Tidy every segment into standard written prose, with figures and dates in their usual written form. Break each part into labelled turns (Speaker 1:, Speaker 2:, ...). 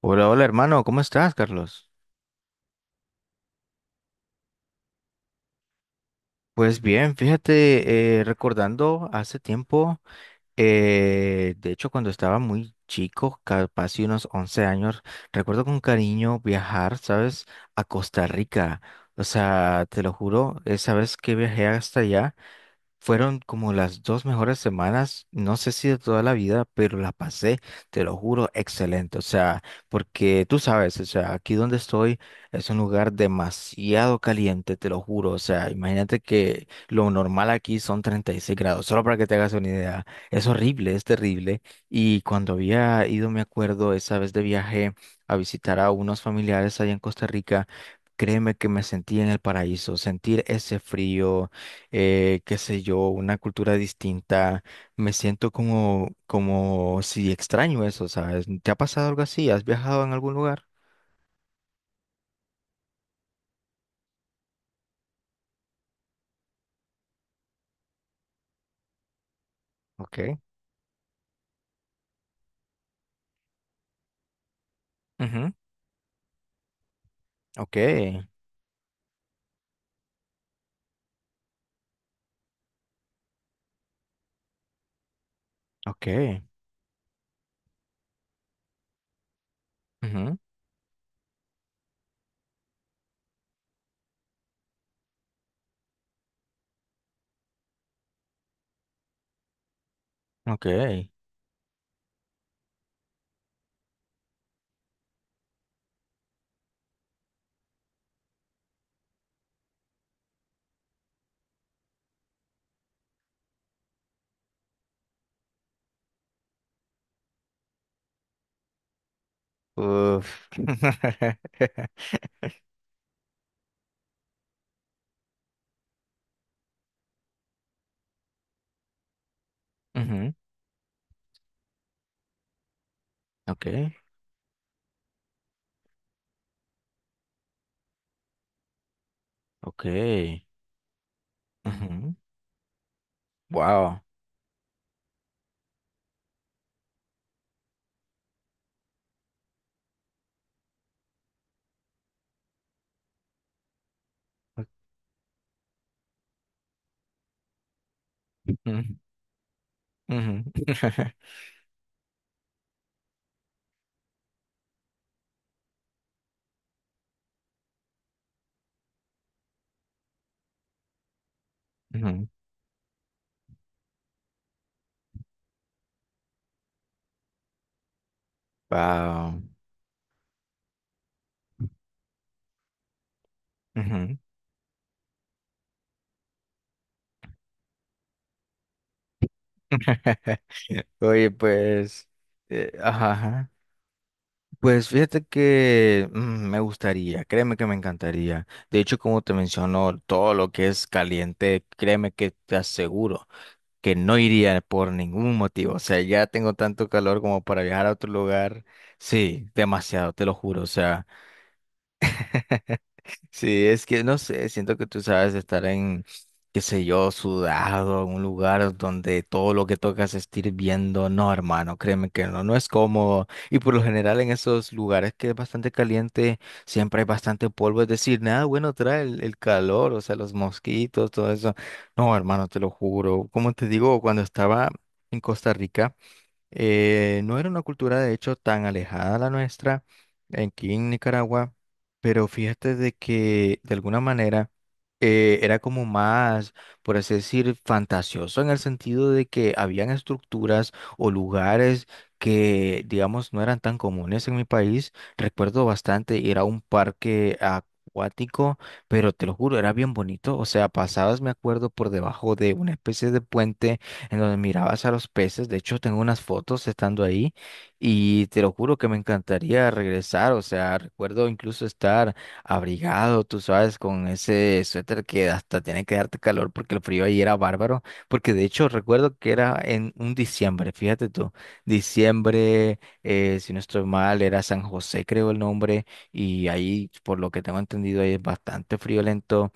Speaker 1: Hola, hola hermano, ¿cómo estás, Carlos? Pues bien, fíjate, recordando hace tiempo, de hecho cuando estaba muy chico, capaz de unos 11 años, recuerdo con cariño viajar, ¿sabes? A Costa Rica. O sea, te lo juro, esa vez que viajé hasta allá. Fueron como las dos mejores semanas, no sé si de toda la vida, pero la pasé, te lo juro, excelente. O sea, porque tú sabes, o sea, aquí donde estoy es un lugar demasiado caliente, te lo juro. O sea, imagínate que lo normal aquí son 36 grados, solo para que te hagas una idea. Es horrible, es terrible. Y cuando había ido, me acuerdo, esa vez de viaje a visitar a unos familiares allá en Costa Rica. Créeme que me sentí en el paraíso, sentir ese frío, qué sé yo, una cultura distinta, me siento como, como si extraño eso, ¿sabes? ¿Te ha pasado algo así? ¿Has viajado en algún lugar? Ok. Ujú. Ok. Ok. Ujú. Ok. Uf. Ujú. Ok. Ok. Ujú. Wow. Ujú. Ujú. Ujú. Wow. Ujú. Oye, pues, ajá. Ajá. Pues fíjate que me gustaría, créeme que me encantaría. De hecho, como te menciono, todo lo que es caliente, créeme que te aseguro que no iría por ningún motivo. O sea, ya tengo tanto calor como para viajar a otro lugar. Sí, demasiado, te lo juro. O sea. Sí, es que no sé, siento que tú sabes estar en, qué sé yo, sudado, en un lugar donde todo lo que tocas está hirviendo. No, hermano, créeme que no, no es cómodo. Y por lo general en esos lugares que es bastante caliente, siempre hay bastante polvo. Es decir, nada bueno trae el calor, o sea, los mosquitos, todo eso. No, hermano, te lo juro. Como te digo, cuando estaba en Costa Rica. No era una cultura, de hecho, tan alejada de la nuestra aquí en Nicaragua, pero fíjate de que de alguna manera era como más, por así decir, fantasioso en el sentido de que habían estructuras o lugares que, digamos, no eran tan comunes en mi país. Recuerdo bastante, era un parque acuático, pero te lo juro, era bien bonito. O sea, pasabas, me acuerdo, por debajo de una especie de puente en donde mirabas a los peces. De hecho, tengo unas fotos estando ahí y te lo juro que me encantaría regresar. O sea, recuerdo incluso estar abrigado, tú sabes, con ese suéter que hasta tiene que darte calor porque el frío ahí era bárbaro. Porque de hecho, recuerdo que era en un diciembre, fíjate tú, diciembre, si no estoy mal, era San José, creo el nombre, y ahí, por lo que tengo entendido, ahí es bastante friolento.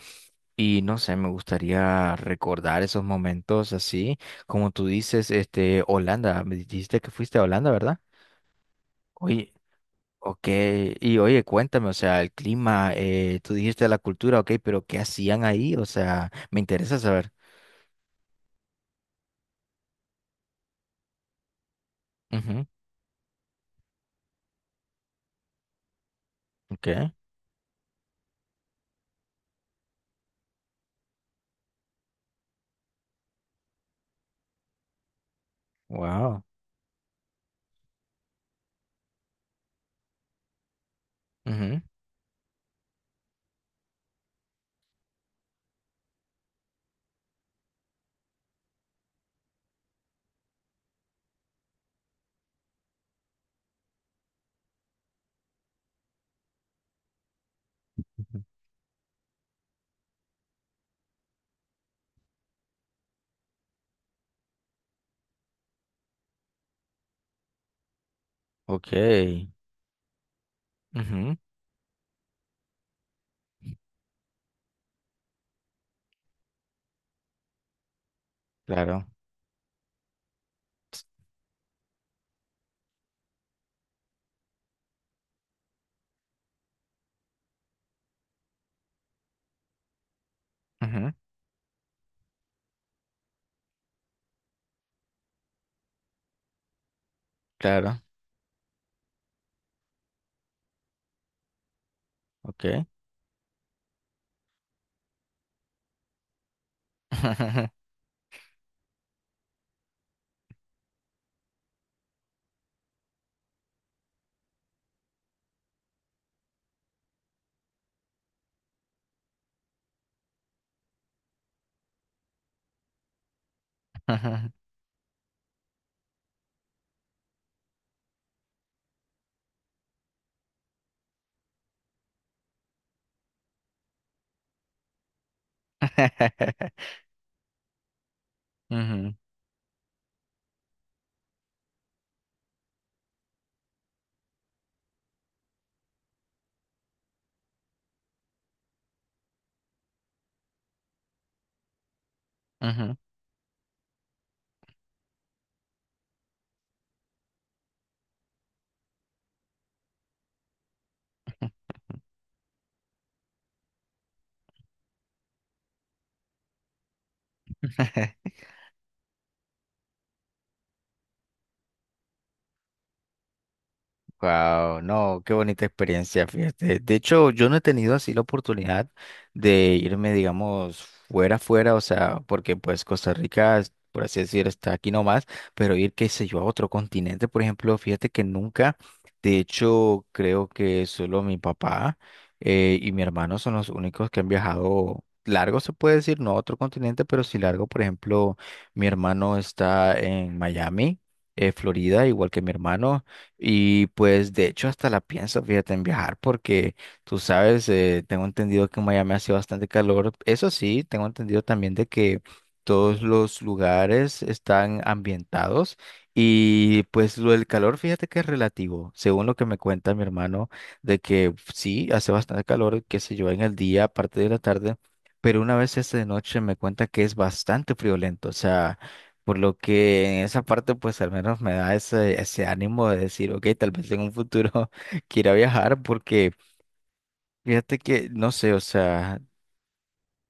Speaker 1: Y no sé, me gustaría recordar esos momentos así, como tú dices, este, Holanda, me dijiste que fuiste a Holanda, ¿verdad? Oye, ok, y oye, cuéntame, o sea, el clima, tú dijiste la cultura, ok, pero ¿qué hacían ahí? O sea, me interesa saber. Ujú, ok, wow, ujú, ujú, ok, ujú, claro, ujú, claro, ok. Ujú, ujú. Ujú. Wow, no, qué bonita experiencia, fíjate. De hecho, yo no he tenido así la oportunidad de irme, digamos, fuera, fuera, o sea, porque pues Costa Rica, es- por así decir, está aquí nomás, pero ir, qué sé yo, a otro continente, por ejemplo, fíjate que nunca, de hecho, creo que solo mi papá y mi hermano son los únicos que han viajado largo, se puede decir, no a otro continente, pero sí largo, por ejemplo, mi hermano está en Miami. Eh, Florida, igual que mi hermano, y pues de hecho hasta la pienso, fíjate, en viajar porque tú sabes, tengo entendido que en Miami hace bastante calor. Eso sí, tengo entendido también de que todos los lugares están ambientados y pues lo del calor, fíjate que es relativo, según lo que me cuenta mi hermano, de que sí, hace bastante calor, qué sé yo, en el día, aparte de la tarde. Pero una vez esta de noche me cuenta que es bastante friolento, o sea, por lo que en esa parte, pues al menos me da ese, ese ánimo de decir, ok, tal vez en un futuro quiera viajar, porque fíjate que, no sé, o sea,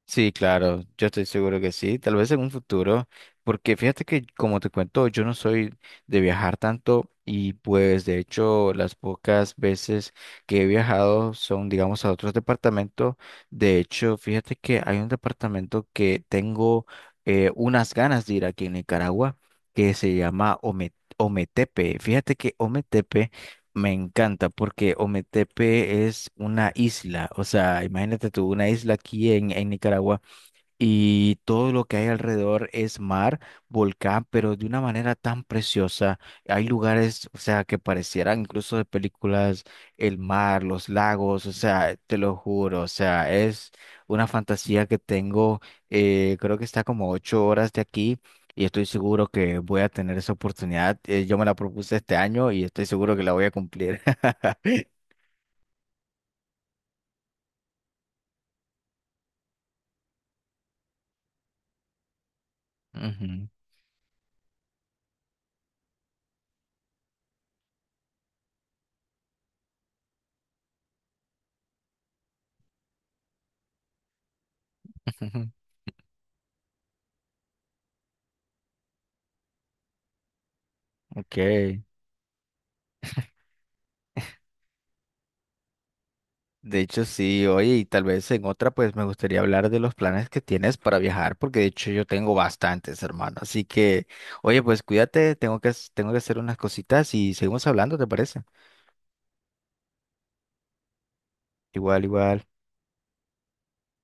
Speaker 1: sí, claro, yo estoy seguro que sí, tal vez en un futuro, porque fíjate que como te cuento, yo no soy de viajar tanto y pues de hecho las pocas veces que he viajado son digamos a otros departamentos, de hecho fíjate que hay un departamento que tengo unas ganas de ir aquí en Nicaragua que se llama Ometepe, fíjate que Ometepe me encanta porque Ometepe es una isla, o sea, imagínate tú, una isla aquí en Nicaragua y todo lo que hay alrededor es mar, volcán, pero de una manera tan preciosa. Hay lugares, o sea, que parecieran incluso de películas, el mar, los lagos, o sea, te lo juro, o sea, es una fantasía que tengo, creo que está como 8 horas de aquí. Y estoy seguro que voy a tener esa oportunidad. Yo me la propuse este año y estoy seguro que la voy a cumplir. Ujú. Ok. De hecho, sí, oye, y tal vez en otra, pues me gustaría hablar de los planes que tienes para viajar, porque de hecho yo tengo bastantes, hermano. Así que, oye, pues cuídate, tengo tengo que hacer unas cositas y seguimos hablando, ¿te parece? Igual, igual.